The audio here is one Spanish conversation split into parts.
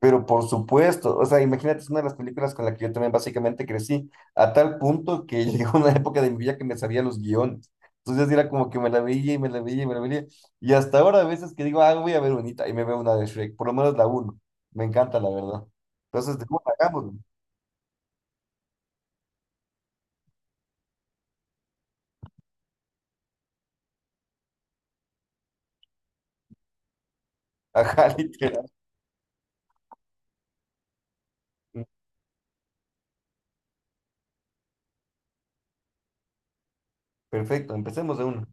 Pero por supuesto, o sea, imagínate, es una de las películas con la que yo también básicamente crecí, a tal punto que llegó una época de mi vida que me sabía los guiones. Entonces era como que me la veía y me la veía y me la veía. Y hasta ahora a veces que digo, ah, voy a ver bonita y me veo una de Shrek, por lo menos la uno. Me encanta, la verdad. Entonces, de una, hagámoslo. Ajá, literal. Perfecto, empecemos de uno.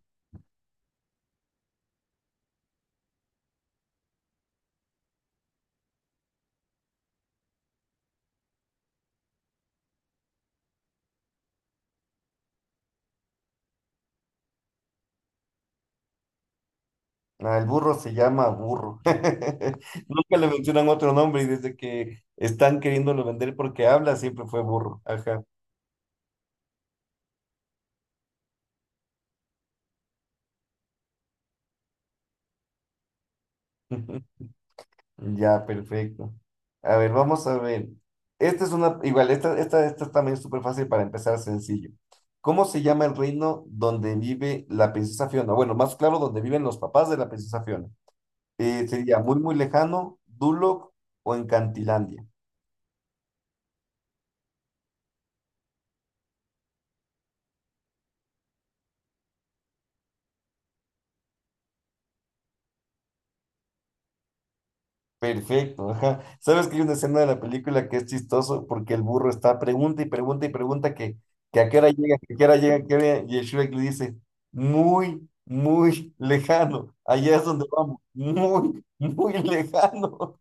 Ah, el burro se llama burro. Nunca le mencionan otro nombre y desde que están queriéndolo vender porque habla, siempre fue burro. Ajá. Ya, perfecto. A ver, vamos a ver. Esta es una, igual, esta también es súper fácil para empezar sencillo. ¿Cómo se llama el reino donde vive la princesa Fiona? Bueno, más claro, donde viven los papás de la princesa Fiona. Sería muy, muy lejano, Duloc o Encantilandia. Perfecto, ajá. ¿Sabes que hay una escena de la película que es chistoso porque el burro está pregunta y pregunta y pregunta que a qué hora llega, que a qué hora llega, que a qué hora llega, y el Shrek le dice, muy, muy lejano, allá es donde vamos, muy, muy lejano.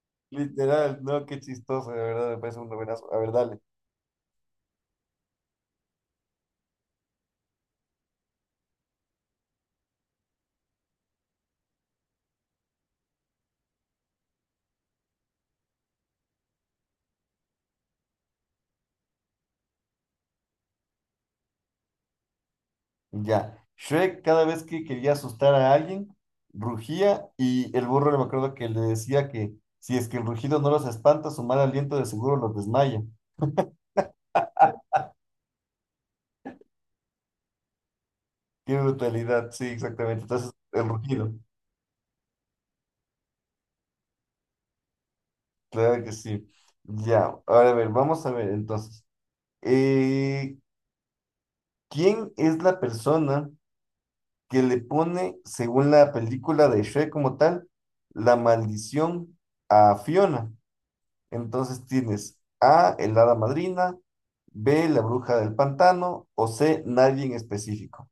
Literal, no, qué chistoso, de verdad, me parece un novenazo. A ver, dale. Ya. Shrek cada vez que quería asustar a alguien, rugía y el burro me acuerdo que le decía que si es que el rugido no los espanta, su mal aliento de seguro los desmaya. Qué brutalidad, sí, exactamente. Entonces, el rugido, claro que sí. Ya, ahora a ver, vamos a ver entonces. Eh, ¿Quién es la persona que le pone, según la película de Shrek como tal, la maldición a Fiona? Entonces tienes A, el hada madrina, B, la bruja del pantano o C, nadie en específico.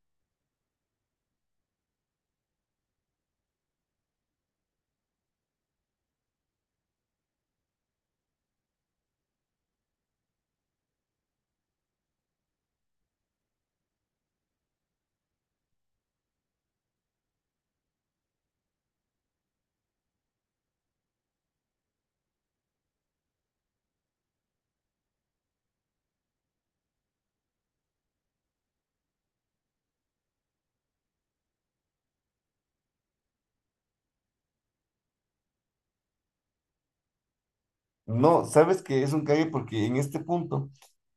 No, sabes que es un cague porque en este punto,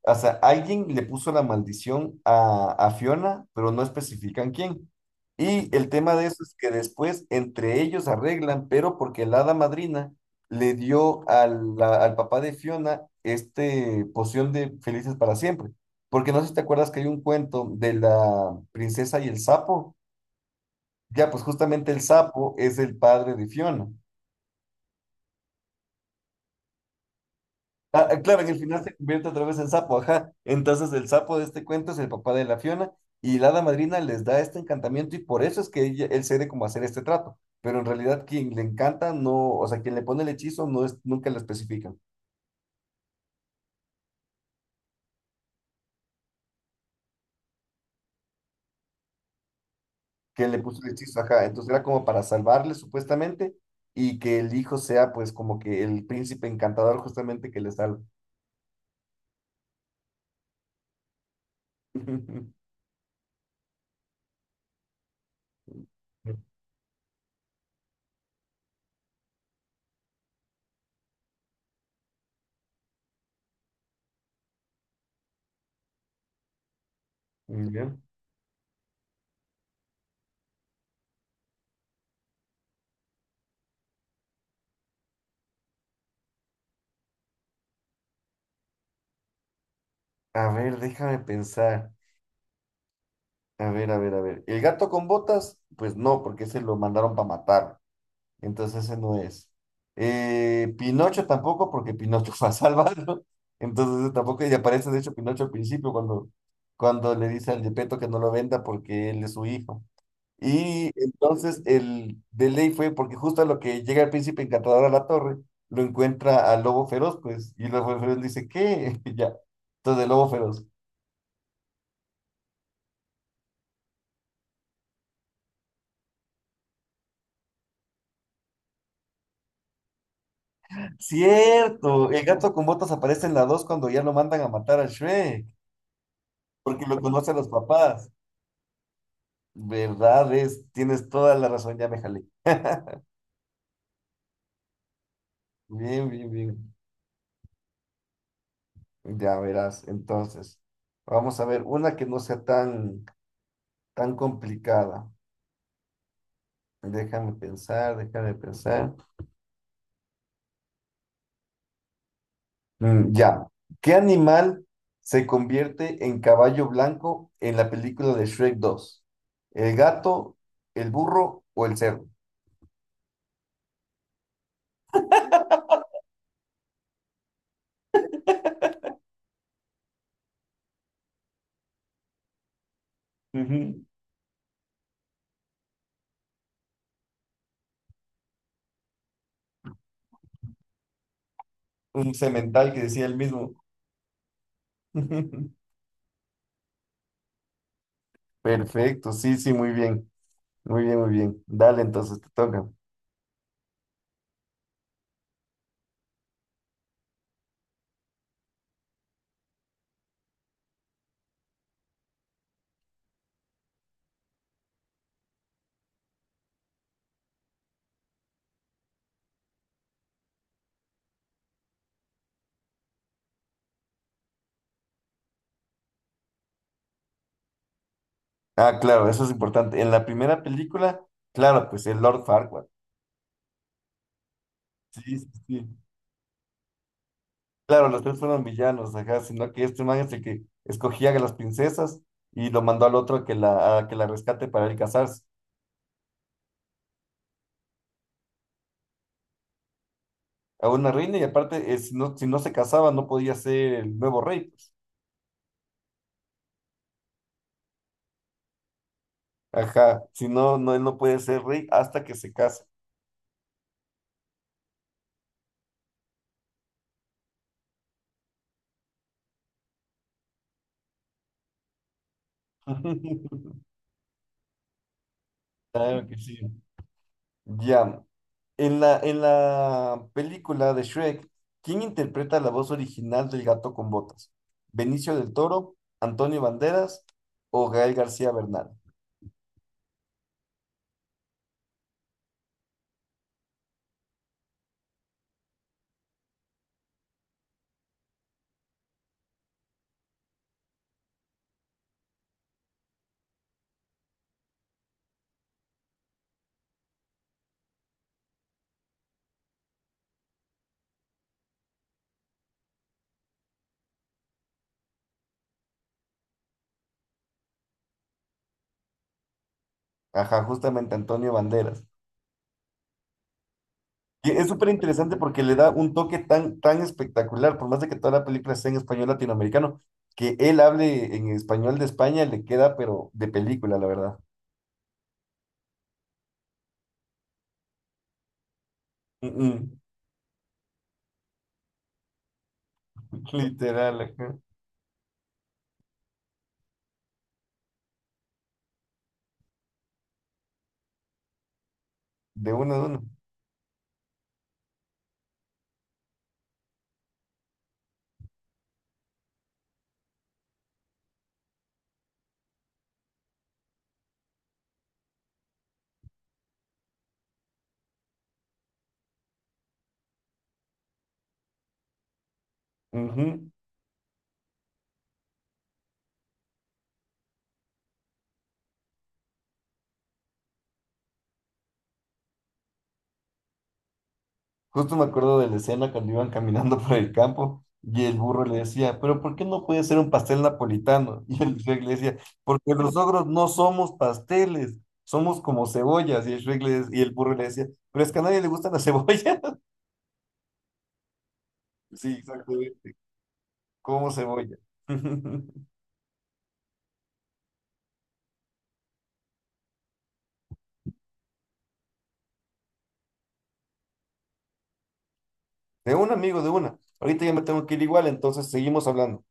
o sea, alguien le puso la maldición a Fiona, pero no especifican quién. Y el tema de eso es que después entre ellos arreglan, pero porque la hada madrina le dio al, al papá de Fiona este poción de felices para siempre. Porque no sé si te acuerdas que hay un cuento de la princesa y el sapo. Ya, pues justamente el sapo es el padre de Fiona. Ah, ah, claro, que al final se convierte otra vez en sapo, ajá. Entonces el sapo de este cuento es el papá de la Fiona y la hada madrina les da este encantamiento y por eso es que él cede como a hacer este trato. Pero en realidad quien le encanta no, o sea, quien le pone el hechizo no es, nunca lo especifican. Que le puso el hechizo, ajá. Entonces era como para salvarle supuestamente y que el hijo sea pues como que el príncipe encantador justamente que le salva. Muy bien. A ver, déjame pensar. A ver, a ver, a ver. ¿El gato con botas? Pues no, porque ese lo mandaron para matar. Entonces ese no es. Pinocho tampoco, porque Pinocho fue a salvarlo. Entonces ese tampoco. Y aparece, de hecho, Pinocho al principio cuando, cuando le dice al Gepetto que no lo venda porque él es su hijo. Y entonces el de ley fue porque justo a lo que llega el príncipe encantador a la torre, lo encuentra al lobo feroz, pues. Y el lobo feroz dice, ¿qué? Y ya. Entonces el lobo feroz. Cierto, el gato con botas aparece en la 2 cuando ya lo mandan a matar a Shrek, porque lo conocen los papás. ¿Verdad? Es, tienes toda la razón, ya me jalé. Bien, bien, bien. Ya verás. Entonces, vamos a ver una que no sea tan, tan complicada. Déjame pensar, déjame pensar. Mm, ya. ¿Qué animal se convierte en caballo blanco en la película de Shrek dos? ¿El gato, el burro o el cerdo? Ujú. Un semental que decía él mismo. Perfecto, sí, sí, muy bien, muy bien, muy bien. Dale, entonces te toca. Ah, claro, eso es importante. En la primera película, claro, pues el Lord Farquaad. Sí, sí, sí. Claro, los tres fueron villanos, ajá, sino que este man es el que escogía a las princesas y lo mandó al otro a que la rescate para él casarse, a una reina, y aparte, si no, si no se casaba, no podía ser el nuevo rey, pues. Ajá, si no, no, él no puede ser rey hasta que se case. Claro que sí. Ya. En la película de Shrek, ¿quién interpreta la voz original del gato con botas? ¿Benicio del Toro, Antonio Banderas o Gael García Bernal? Ajá, justamente Antonio Banderas. Y es súper interesante porque le da un toque tan, tan espectacular, por más de que toda la película sea en español latinoamericano, que él hable en español de España le queda, pero de película, la verdad. Mm, mm. Literal, ajá. De uno a uno. Ujú. Justo me acuerdo de la escena cuando iban caminando por el campo y el burro le decía, pero ¿por qué no puede ser un pastel napolitano? Y el Shrek le decía, porque los ogros no somos pasteles, somos como cebollas. Y el Shrek le, y el burro le decía, pero es que a nadie le gustan las cebollas. Sí, exactamente, como cebolla. De un amigo, de una. Ahorita ya me tengo que ir igual, entonces seguimos hablando.